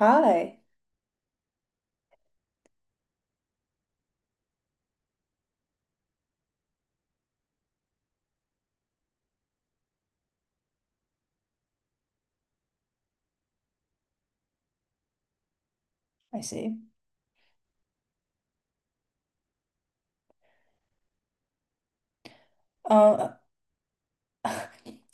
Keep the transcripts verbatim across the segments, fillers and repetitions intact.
Hi, I see. Uh,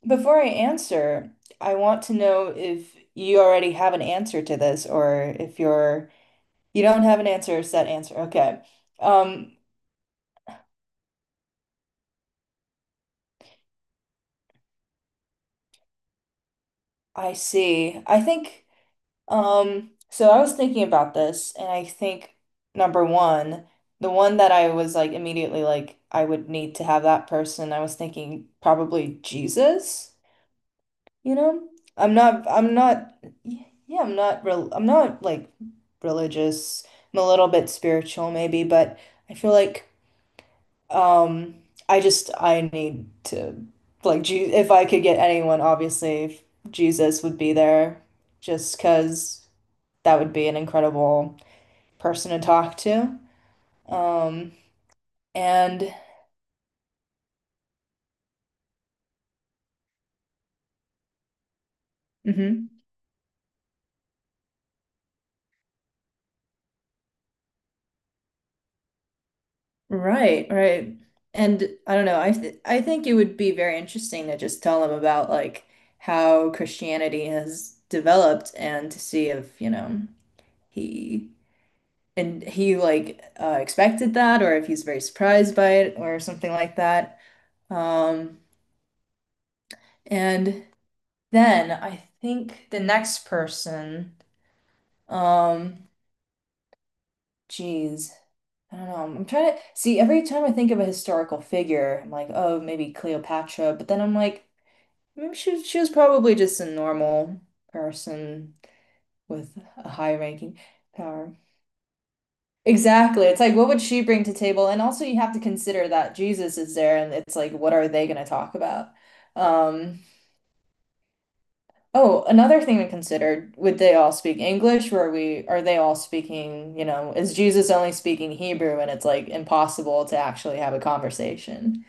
before I answer, I want to know if you already have an answer to this or if you're you don't have an answer, set answer. Okay. Um, I see. I think um so I was thinking about this and I think number one, the one that I was like immediately like I would need to have that person, I was thinking probably Jesus. You know, I'm not, I'm not, yeah, I'm not real, I'm not like religious. I'm a little bit spiritual maybe, but I feel like um I just I need to like Je if I could get anyone, obviously Jesus would be there just 'cause that would be an incredible person to talk to. Um and Mhm. Right, right. And I don't know, I th I think it would be very interesting to just tell them about like how Christianity has developed and to see if, you know, he and he like uh, expected that or if he's very surprised by it or something like that. Um, and then I think the next person, um, geez. I don't know. I'm trying to see every time I think of a historical figure, I'm like, oh, maybe Cleopatra, but then I'm like, I mean, she she was probably just a normal person with a high ranking power. Exactly. It's like, what would she bring to table? And also, you have to consider that Jesus is there, and it's like, what are they going to talk about? Um, oh, another thing to consider, would they all speak English? Or are we, are they all speaking, you know, is Jesus only speaking Hebrew and it's like impossible to actually have a conversation?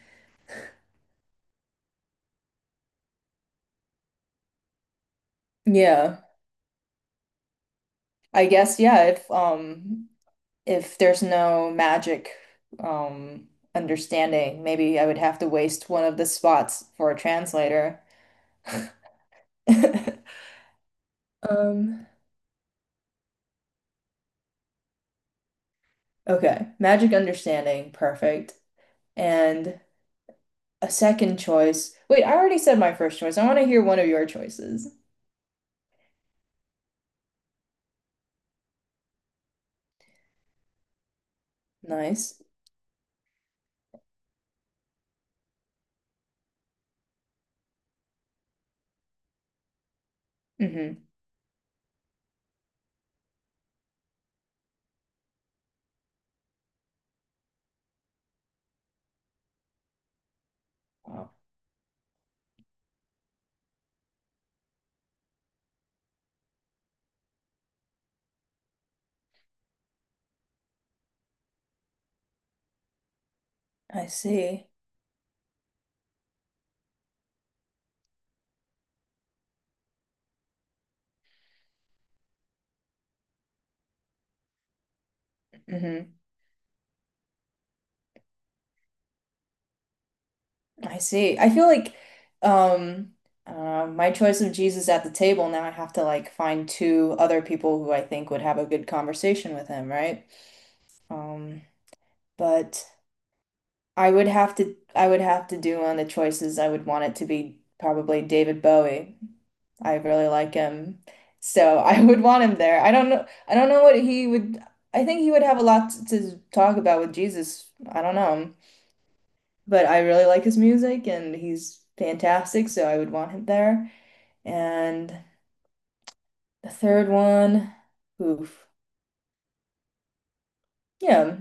Yeah. I guess, yeah, if um if there's no magic um understanding, maybe I would have to waste one of the spots for a translator. Um, okay. Magic understanding, perfect. And a second choice. Wait, I already said my first choice. I want to hear one of your choices. Nice. Mm-hmm. Wow. I see. Mm-hmm. I see. I feel like um I my choice of Jesus at the table now I have to like find two other people who I think would have a good conversation with him, right? Um, but I would have to I would have to do on the choices. I would want it to be probably David Bowie. I really like him. So I would want him there. I don't know I don't know what he would I think he would have a lot to, to talk about with Jesus. I don't know but I really like his music and he's fantastic, so I would want him there. And the third one, oof, yeah,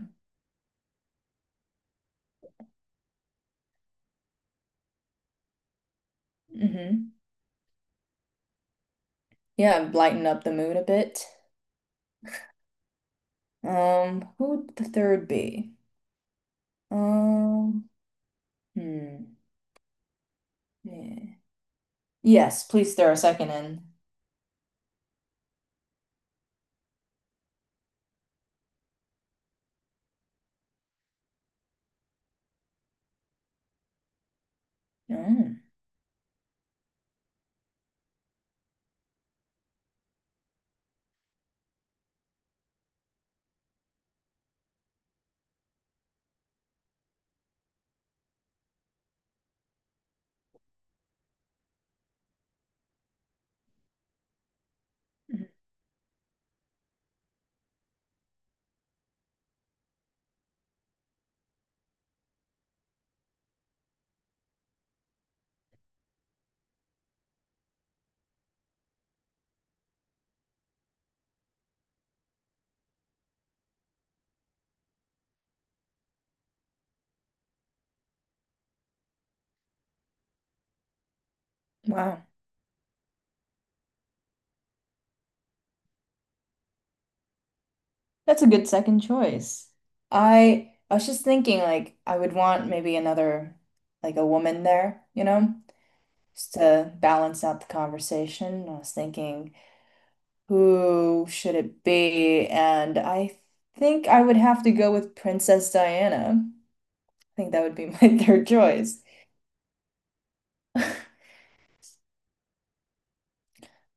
hmm yeah, lighten up the mood a bit. Um, who would the third be? Um, hmm, yeah. Yes, please throw a second in. Mm, mhm. Wow, that's a good second choice. I I was just thinking like I would want maybe another like a woman there, you know? Just to balance out the conversation. I was thinking, who should it be? And I think I would have to go with Princess Diana. I think that would be my third choice.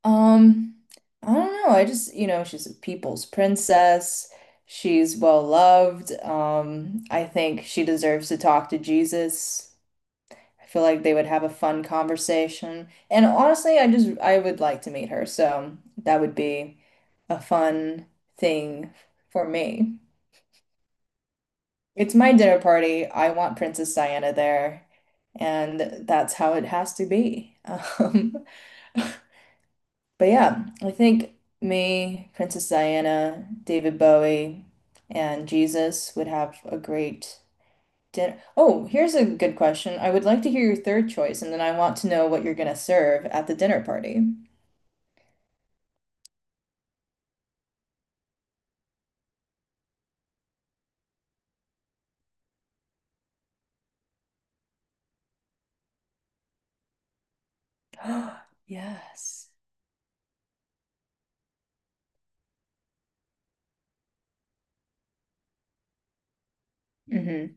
Um, I don't know. I just, you know, she's a people's princess. She's well loved. Um, I think she deserves to talk to Jesus. I feel like they would have a fun conversation. And honestly, I just I would like to meet her, so that would be a fun thing for me. It's my dinner party. I want Princess Diana there, and that's how it has to be. Um, but yeah, I think me, Princess Diana, David Bowie, and Jesus would have a great dinner. Oh, here's a good question. I would like to hear your third choice, and then I want to know what you're going to serve at the dinner party. Yes. Mm-hmm.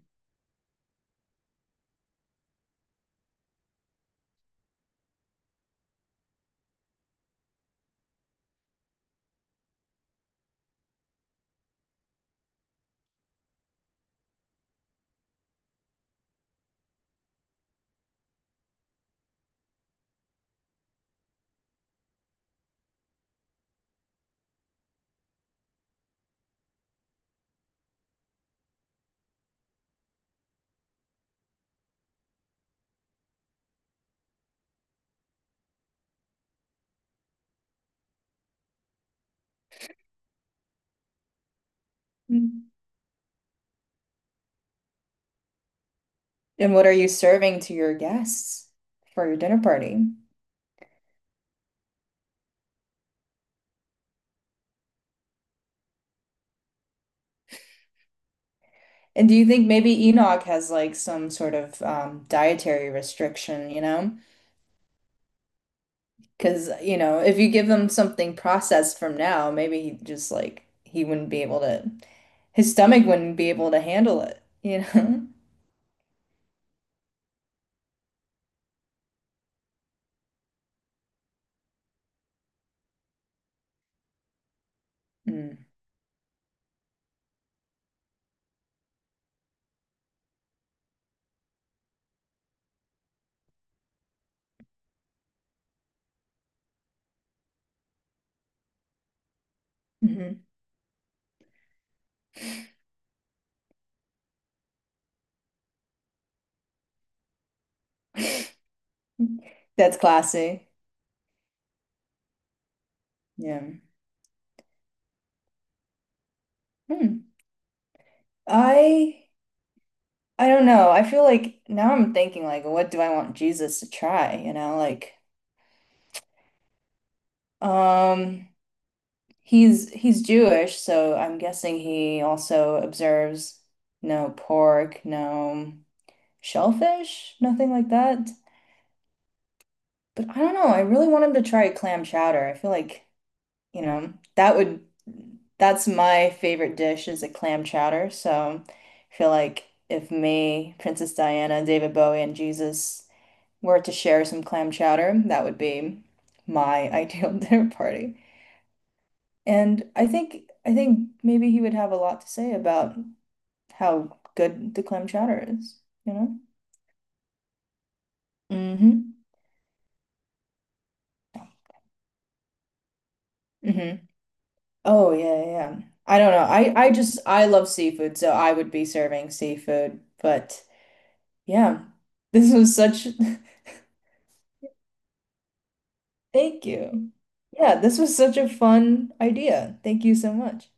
And what are you serving to your guests for your dinner party? And do you think maybe Enoch has like some sort of um, dietary restriction, you know? Because, you know, if you give him something processed from now, maybe he just like he wouldn't be able to, his stomach wouldn't be able to handle it, you know? Mm. Hmm. That's classy. Yeah. Hmm. I I don't know. I feel like now I'm thinking like what do I want Jesus to try, you know? Like um he's he's Jewish, so I'm guessing he also observes no pork, no shellfish, nothing like that. But I don't know. I really want him to try clam chowder. I feel like, you know, that would, that's my favorite dish is a clam chowder. So I feel like if me, Princess Diana, David Bowie, and Jesus were to share some clam chowder, that would be my ideal dinner party. And I think, I think maybe he would have a lot to say about how good the clam chowder is, you know? Mm-hmm. Mm-hmm. Oh yeah, yeah, yeah. I don't know. I I just I love seafood, so I would be serving seafood. But yeah, this was such thank you. Yeah, this was such a fun idea. Thank you so much.